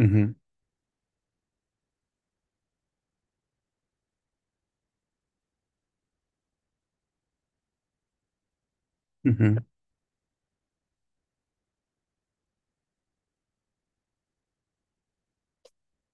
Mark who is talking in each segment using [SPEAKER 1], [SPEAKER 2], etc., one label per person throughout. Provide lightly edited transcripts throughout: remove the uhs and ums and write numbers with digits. [SPEAKER 1] Hı hı, hı hı.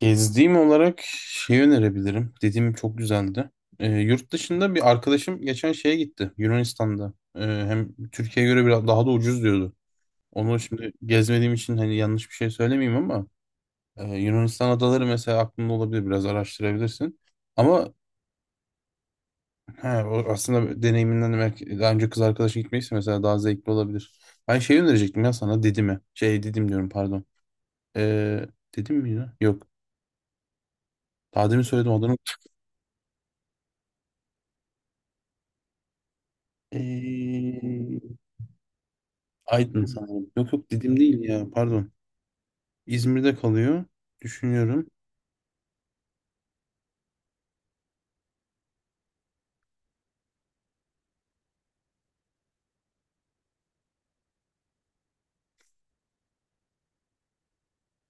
[SPEAKER 1] Gezdiğim olarak şey önerebilirim. Dediğim çok güzeldi. Yurt dışında bir arkadaşım geçen şeye gitti. Yunanistan'da. Hem Türkiye'ye göre biraz daha da ucuz diyordu. Onu şimdi gezmediğim için hani yanlış bir şey söylemeyeyim ama Yunanistan adaları mesela aklında olabilir. Biraz araştırabilirsin. Ama he, o aslında deneyiminden de belki daha önce kız arkadaşı gitmeyse mesela daha zevkli olabilir. Ben şey önerecektim ya sana Didim'e. Şey Didim diyorum pardon. Ee, Didim mi ya? Yok. Daha demin söyledim adını. Ee, Aydın sanırım. Yok yok Didim değil ya pardon. İzmir'de kalıyor. Düşünüyorum.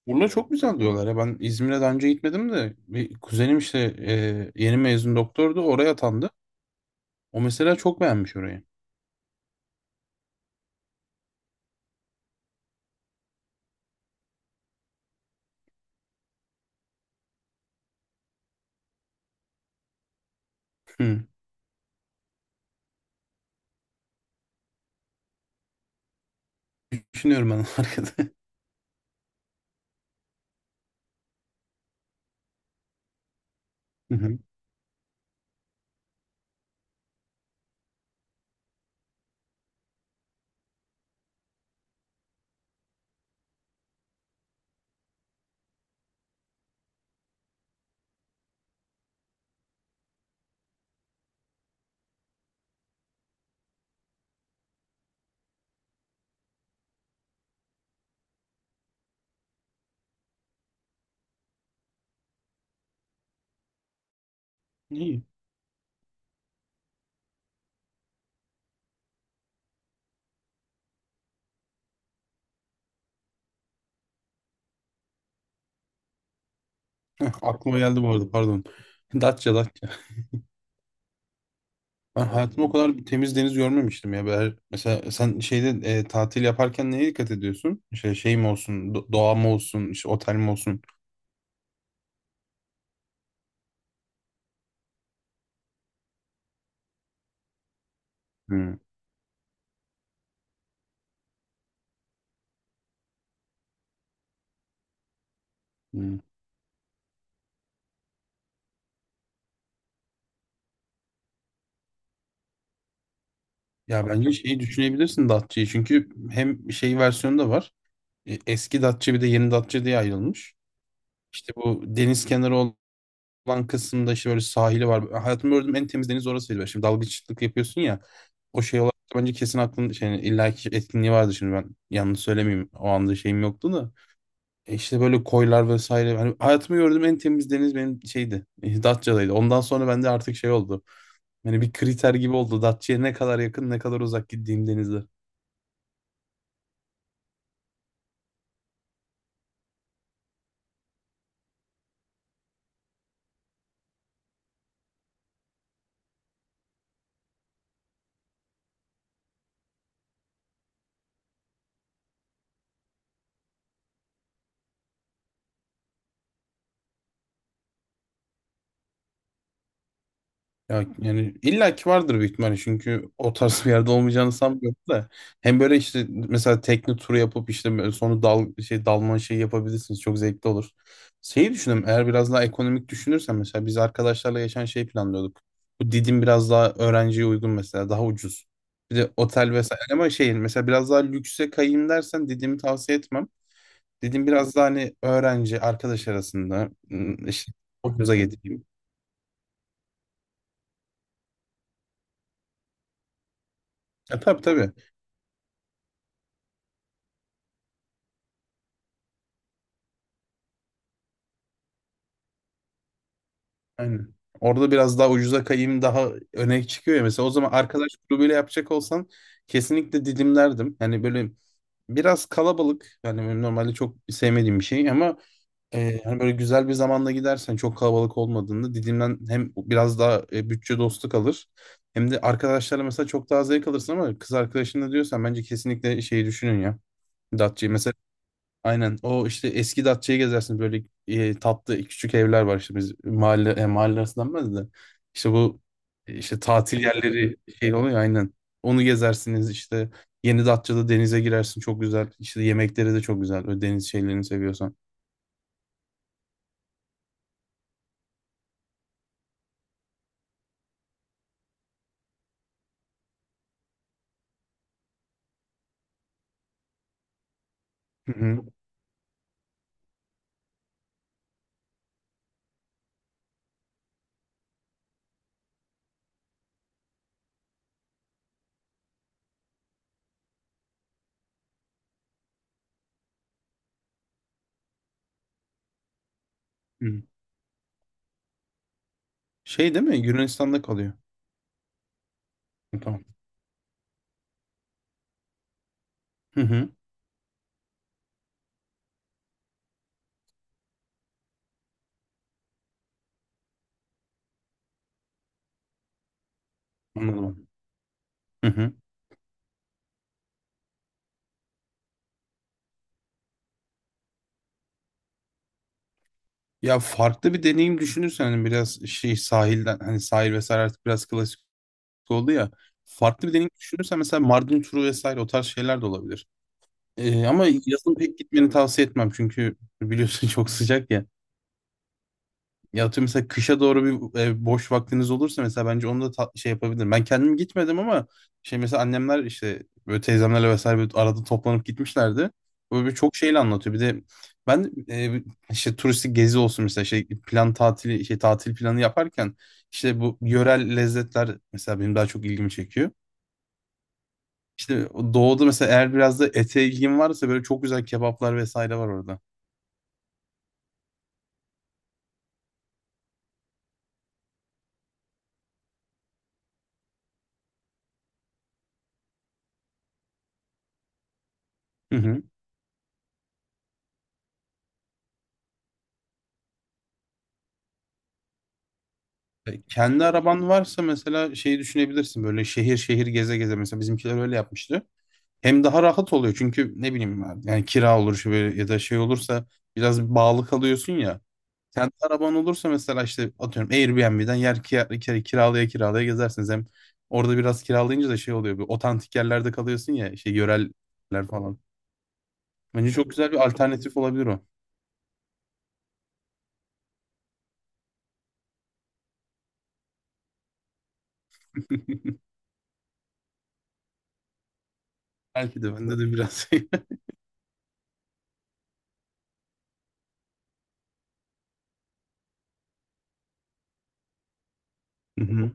[SPEAKER 1] Urla çok güzel diyorlar ya. Ben İzmir'e daha önce gitmedim de bir kuzenim işte yeni mezun doktordu. Oraya atandı. O mesela çok beğenmiş orayı. Hı. Düşünüyorum ben arkada. Hı hı. İyi. Heh, aklıma geldi bu arada pardon. Datça. Ben hayatımda o kadar bir temiz deniz görmemiştim ya. Mesela sen şeyde tatil yaparken neye dikkat ediyorsun? Şey, şey mi olsun, doğa mı olsun, işte otel mi olsun? Hı. Hmm. Ya bence şeyi düşünebilirsin Datça'yı. Çünkü hem şey versiyonu da var. Eski Datça bir de yeni Datça diye ayrılmış. İşte bu deniz kenarı olan kısımda işte böyle sahili var. Hayatımda gördüğüm en temiz deniz orasıydı. Şimdi dalgıçlık yapıyorsun ya. O şey olarak da bence kesin aklın şey, illaki etkinliği vardı şimdi ben yanlış söylemeyeyim. O anda şeyim yoktu da. E işte böyle koylar vesaire. Hani hayatımda gördüğüm en temiz deniz benim şeydi. Datça'daydı. Ondan sonra bende artık şey oldu. Yani bir kriter gibi oldu. Datça'ya ne kadar yakın ne kadar uzak gittiğim denizler. Ya yani illaki vardır büyük ihtimalle çünkü o tarz bir yerde olmayacağını sanmıyorum da hem böyle işte mesela tekne turu yapıp işte böyle sonra dal şey dalma şeyi yapabilirsiniz çok zevkli olur. Şeyi düşündüm, eğer biraz daha ekonomik düşünürsen mesela biz arkadaşlarla geçen şey planlıyorduk. Bu Didim biraz daha öğrenciye uygun, mesela daha ucuz. Bir de otel vesaire ama şey mesela biraz daha lükse kayayım dersen Didim'i tavsiye etmem. Didim biraz daha hani öğrenci arkadaş arasında, işte o göze getireyim. Tabii tabii. Aynen. Orada biraz daha ucuza kayayım daha öne çıkıyor ya. Mesela o zaman arkadaş grubuyla yapacak olsan kesinlikle didimlerdim. Yani böyle biraz kalabalık. Yani benim normalde çok sevmediğim bir şey ama hani böyle güzel bir zamanda gidersen çok kalabalık olmadığında didimden hem biraz daha bütçe dostu kalır. Hem de arkadaşlarla mesela çok daha zevk alırsın ama kız arkadaşınla diyorsan bence kesinlikle şeyi düşünün ya. Datça'yı. Mesela aynen. O işte eski Datça'yı gezersin. Böyle tatlı küçük evler var işte biz mahalle arası denmez de. İşte bu işte tatil yerleri şey oluyor ya, aynen. Onu gezersiniz işte. Yeni Datça'da denize girersin çok güzel. İşte yemekleri de çok güzel. Böyle deniz şeylerini seviyorsan. Hı hı. Hı. Şey değil mi? Yunanistan'da kalıyor. Hı, tamam. Hı hı. Anladım. Hı hı. Ya farklı bir deneyim düşünürsen hani biraz şey sahilden hani sahil vesaire artık biraz klasik oldu ya. Farklı bir deneyim düşünürsen mesela Mardin turu vesaire o tarz şeyler de olabilir. Ama yazın pek gitmeni tavsiye etmem çünkü biliyorsun çok sıcak ya. Ya atıyorum mesela kışa doğru bir boş vaktiniz olursa mesela bence onu da şey yapabilirim. Ben kendim gitmedim ama şey mesela annemler işte böyle teyzemlerle vesaire böyle arada toplanıp gitmişlerdi. Böyle bir çok şeyle anlatıyor. Bir de ben işte turistik gezi olsun mesela şey plan tatili şey tatil planı yaparken işte bu yörel lezzetler mesela benim daha çok ilgimi çekiyor. İşte o doğuda mesela eğer biraz da ete ilgin varsa böyle çok güzel kebaplar vesaire var orada. Hı hı. Kendi araban varsa mesela şeyi düşünebilirsin böyle şehir şehir geze geze, mesela bizimkiler öyle yapmıştı. Hem daha rahat oluyor çünkü ne bileyim ben, yani kira olur şu böyle ya da şey olursa biraz bağlı kalıyorsun ya. Kendi araban olursa mesela işte atıyorum Airbnb'den yer kiralaya kiralaya gezersiniz. Hem orada biraz kiralayınca da şey oluyor, bir otantik yerlerde kalıyorsun ya şey yöreller falan. Bence çok güzel bir alternatif olabilir o. Belki de bende de biraz. Hı hı.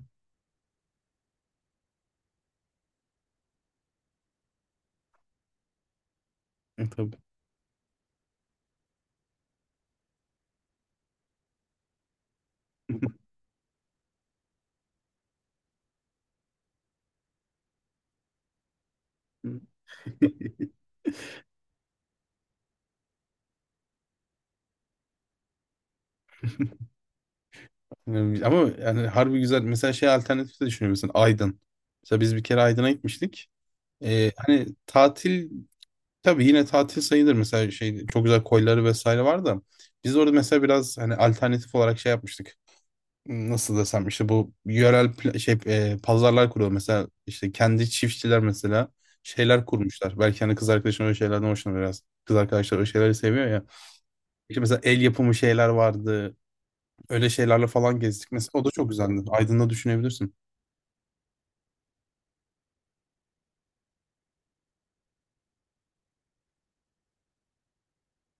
[SPEAKER 1] Tabii. Yani ama yani harbi güzel. Mesela şey alternatif de düşünüyorum. Mesela Aydın. Mesela biz bir kere Aydın'a gitmiştik. Hani tatil, tabii yine tatil sayılır. Mesela şey çok güzel koyları vesaire var da. Biz orada mesela biraz hani alternatif olarak şey yapmıştık. Nasıl desem, işte bu yörel pla- şey e, pazarlar kuruyor. Mesela işte kendi çiftçiler mesela şeyler kurmuşlar. Belki hani kız arkadaşın öyle şeylerden hoşlanır biraz. Kız arkadaşlar öyle şeyleri seviyor. İşte mesela el yapımı şeyler vardı. Öyle şeylerle falan gezdik. Mesela o da çok güzeldi. Aydın'da düşünebilirsin.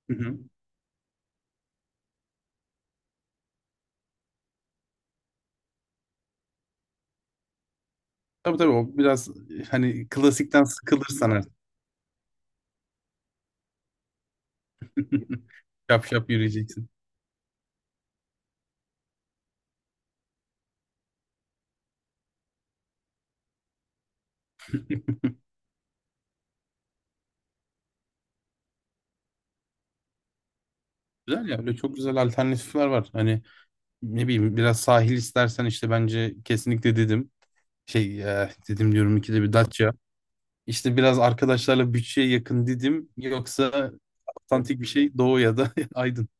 [SPEAKER 1] Hı hı. Tabii tabii, o biraz hani klasikten sıkılırsan artık. Şap şap yürüyeceksin. Güzel ya, öyle çok güzel alternatifler var. Hani ne bileyim, biraz sahil istersen işte bence kesinlikle dedim. Dedim diyorum ikide bir Datça. İşte biraz arkadaşlarla bütçeye yakın dedim. Yoksa otantik bir şey, Doğu ya da Aydın.